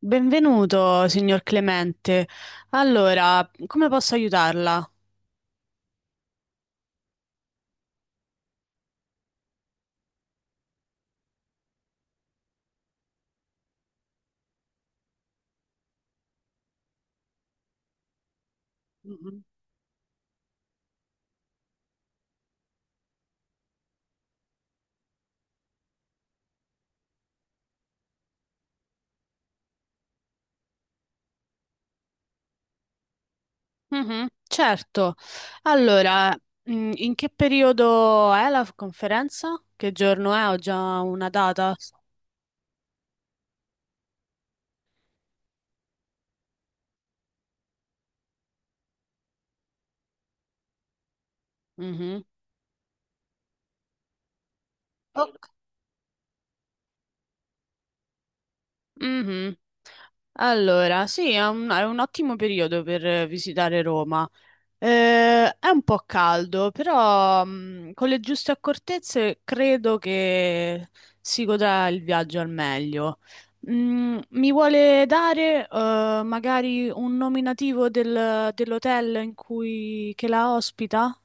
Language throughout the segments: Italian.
Benvenuto, signor Clemente. Allora, come posso aiutarla? Mhm, certo. Allora, in che periodo è la conferenza? Che giorno è? Ho già una data. Mhm. Ok. Mhm. Allora, sì, è un ottimo periodo per visitare Roma. È un po' caldo, però con le giuste accortezze credo che si godrà il viaggio al meglio. Mi vuole dare magari un nominativo dell'hotel in cui che la ospita?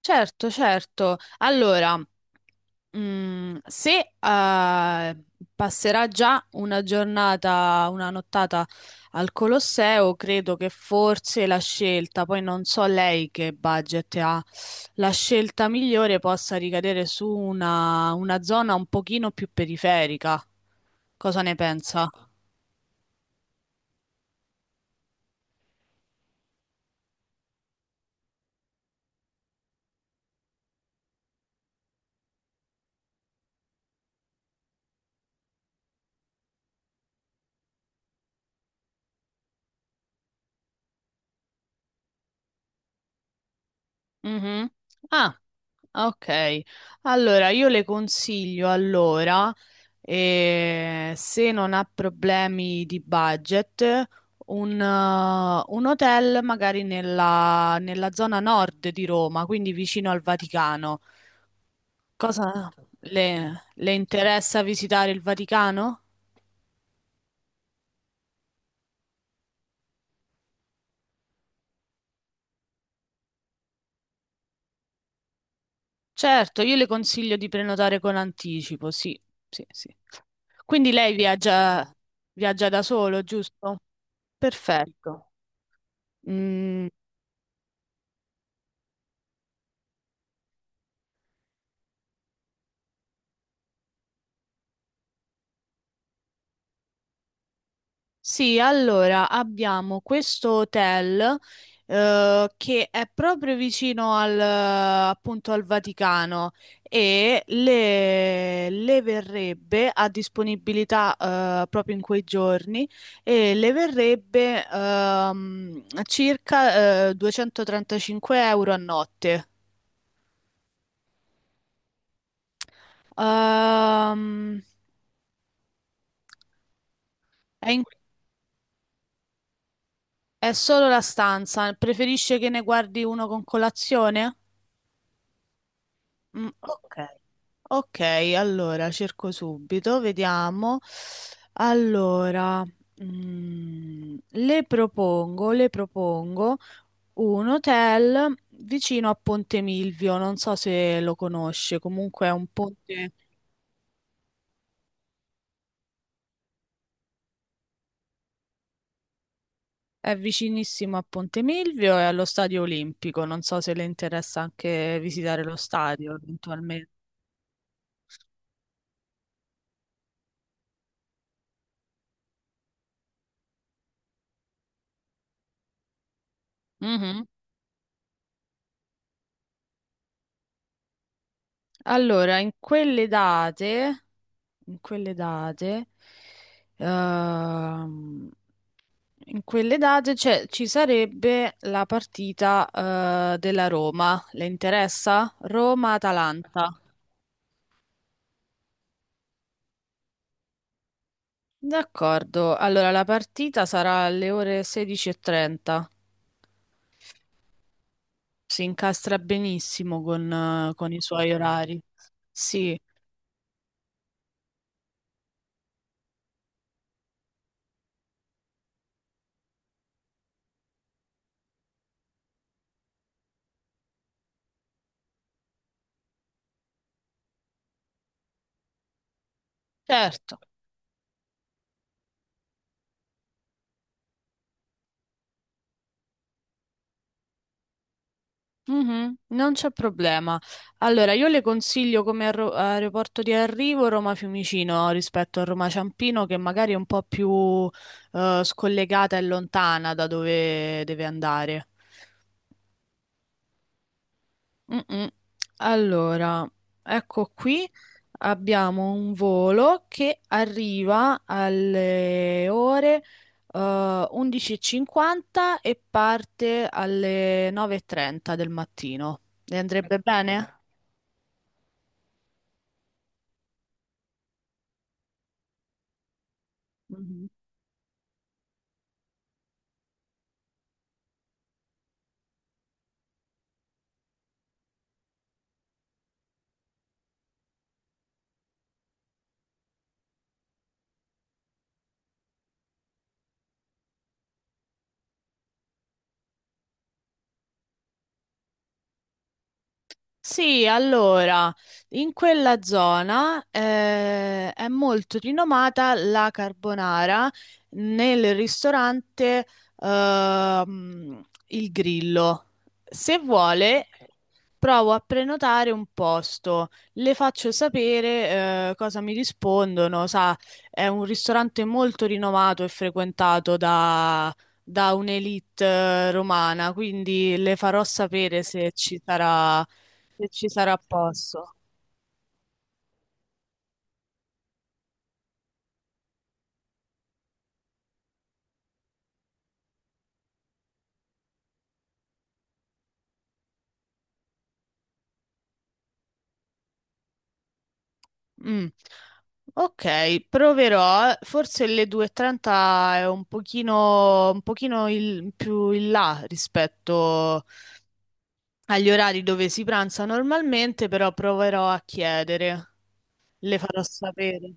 Certo, certo. Allora, se passerà già una giornata, una nottata al Colosseo, credo che forse la scelta, poi non so lei che budget ha, la scelta migliore possa ricadere su una zona un pochino più periferica. Cosa ne pensa? Mhm. Ah, ok. Allora, io le consiglio allora. E se non ha problemi di budget, un hotel magari nella zona nord di Roma, quindi vicino al Vaticano. Cosa le interessa visitare il Vaticano? Certo, io le consiglio di prenotare con anticipo, sì, sì, sì. Quindi lei viaggia da solo, giusto? Perfetto. Mm, Sì, allora abbiamo questo hotel che è proprio vicino al, appunto, al Vaticano e le verrebbe a disponibilità proprio in quei giorni e le verrebbe circa 235 euro a notte. Ehm, è, in- è solo la stanza, preferisce che ne guardi uno con colazione? Mm, ok. Ok, allora cerco subito, vediamo. Allora, le propongo un hotel vicino a Ponte Milvio, non so se lo conosce, comunque è un ponte, è vicinissimo a Ponte Milvio e allo Stadio Olimpico, non so se le interessa anche visitare lo stadio eventualmente. Mhm. Allora, in quelle date, in quelle date, ehm, in quelle date ci sarebbe la partita, della Roma. Le interessa? Roma-Atalanta. D'accordo. Allora, la partita sarà alle ore 16:30. Si incastra benissimo con i suoi orari. Sì, certo. Mhm, non c'è problema. Allora, io le consiglio come aeroporto di arrivo Roma Fiumicino rispetto a Roma Ciampino, che magari è un po' più scollegata e lontana da dove deve andare. Mm-mm. Allora, ecco qui abbiamo un volo che arriva alle ore 11:50 e cinquanta e parte alle 9:30 del mattino. Le andrebbe bene? Sì, allora, in quella zona è molto rinomata la carbonara nel ristorante Il Grillo. Se vuole, provo a prenotare un posto, le faccio sapere cosa mi rispondono. Sa, è un ristorante molto rinomato e frequentato da un'elite romana, quindi le farò sapere se ci sarà posto. Mm. Ok, proverò. Forse le 2:30 è un pochino più in là rispetto agli orari dove si pranza normalmente, però proverò a chiedere. Le farò sapere.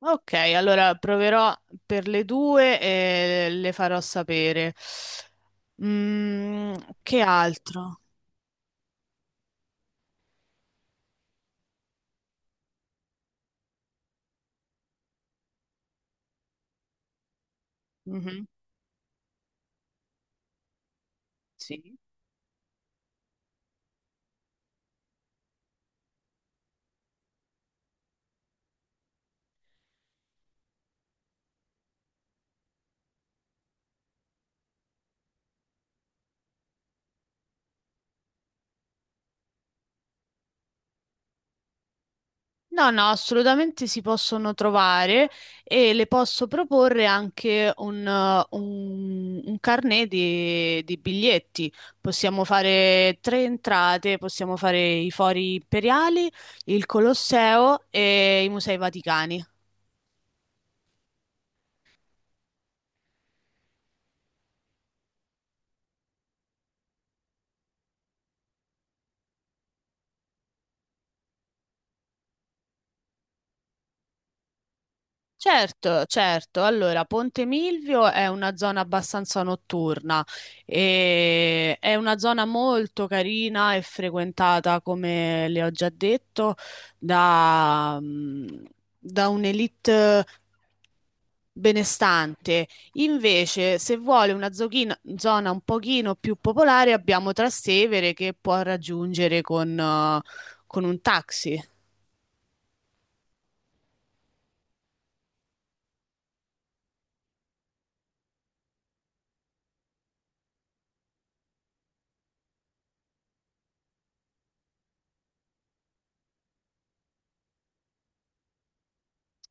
Ok, allora proverò per le due e le farò sapere. Mm, che altro? Mhm, sì. No, no, assolutamente si possono trovare e le posso proporre anche un carnet di biglietti. Possiamo fare tre entrate, possiamo fare i Fori Imperiali, il Colosseo e i Musei Vaticani. Certo, certo. Allora, Ponte Milvio è una zona abbastanza notturna e è una zona molto carina e frequentata, come le ho già detto, da, mm, da un'elite benestante. Invece, se vuole una zona un pochino più popolare, abbiamo Trastevere che può raggiungere con un taxi.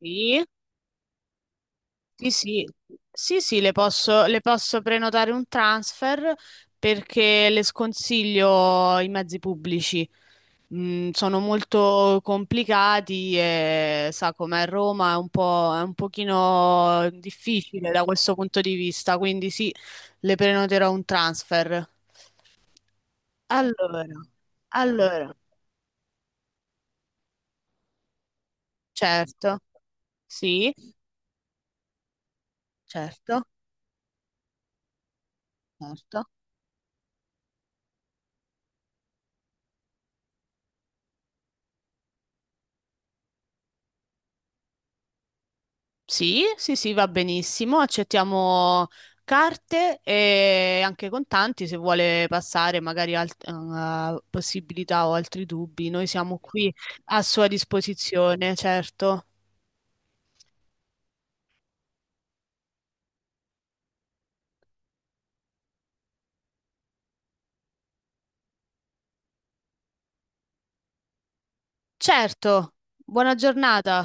Sì. Sì, sì, sì, sì, le posso prenotare un transfer perché le sconsiglio i mezzi pubblici. Sono molto complicati e sa com'è Roma, è un po', è un pochino difficile da questo punto di vista, quindi sì, le prenoterò un transfer. Allora, allora, certo, sì, certo, certo. Sì, sì, sì, va benissimo. Accettiamo carte e anche contanti se vuole passare magari possibilità o altri dubbi. Noi siamo qui a sua disposizione, certo. Certo, buona giornata.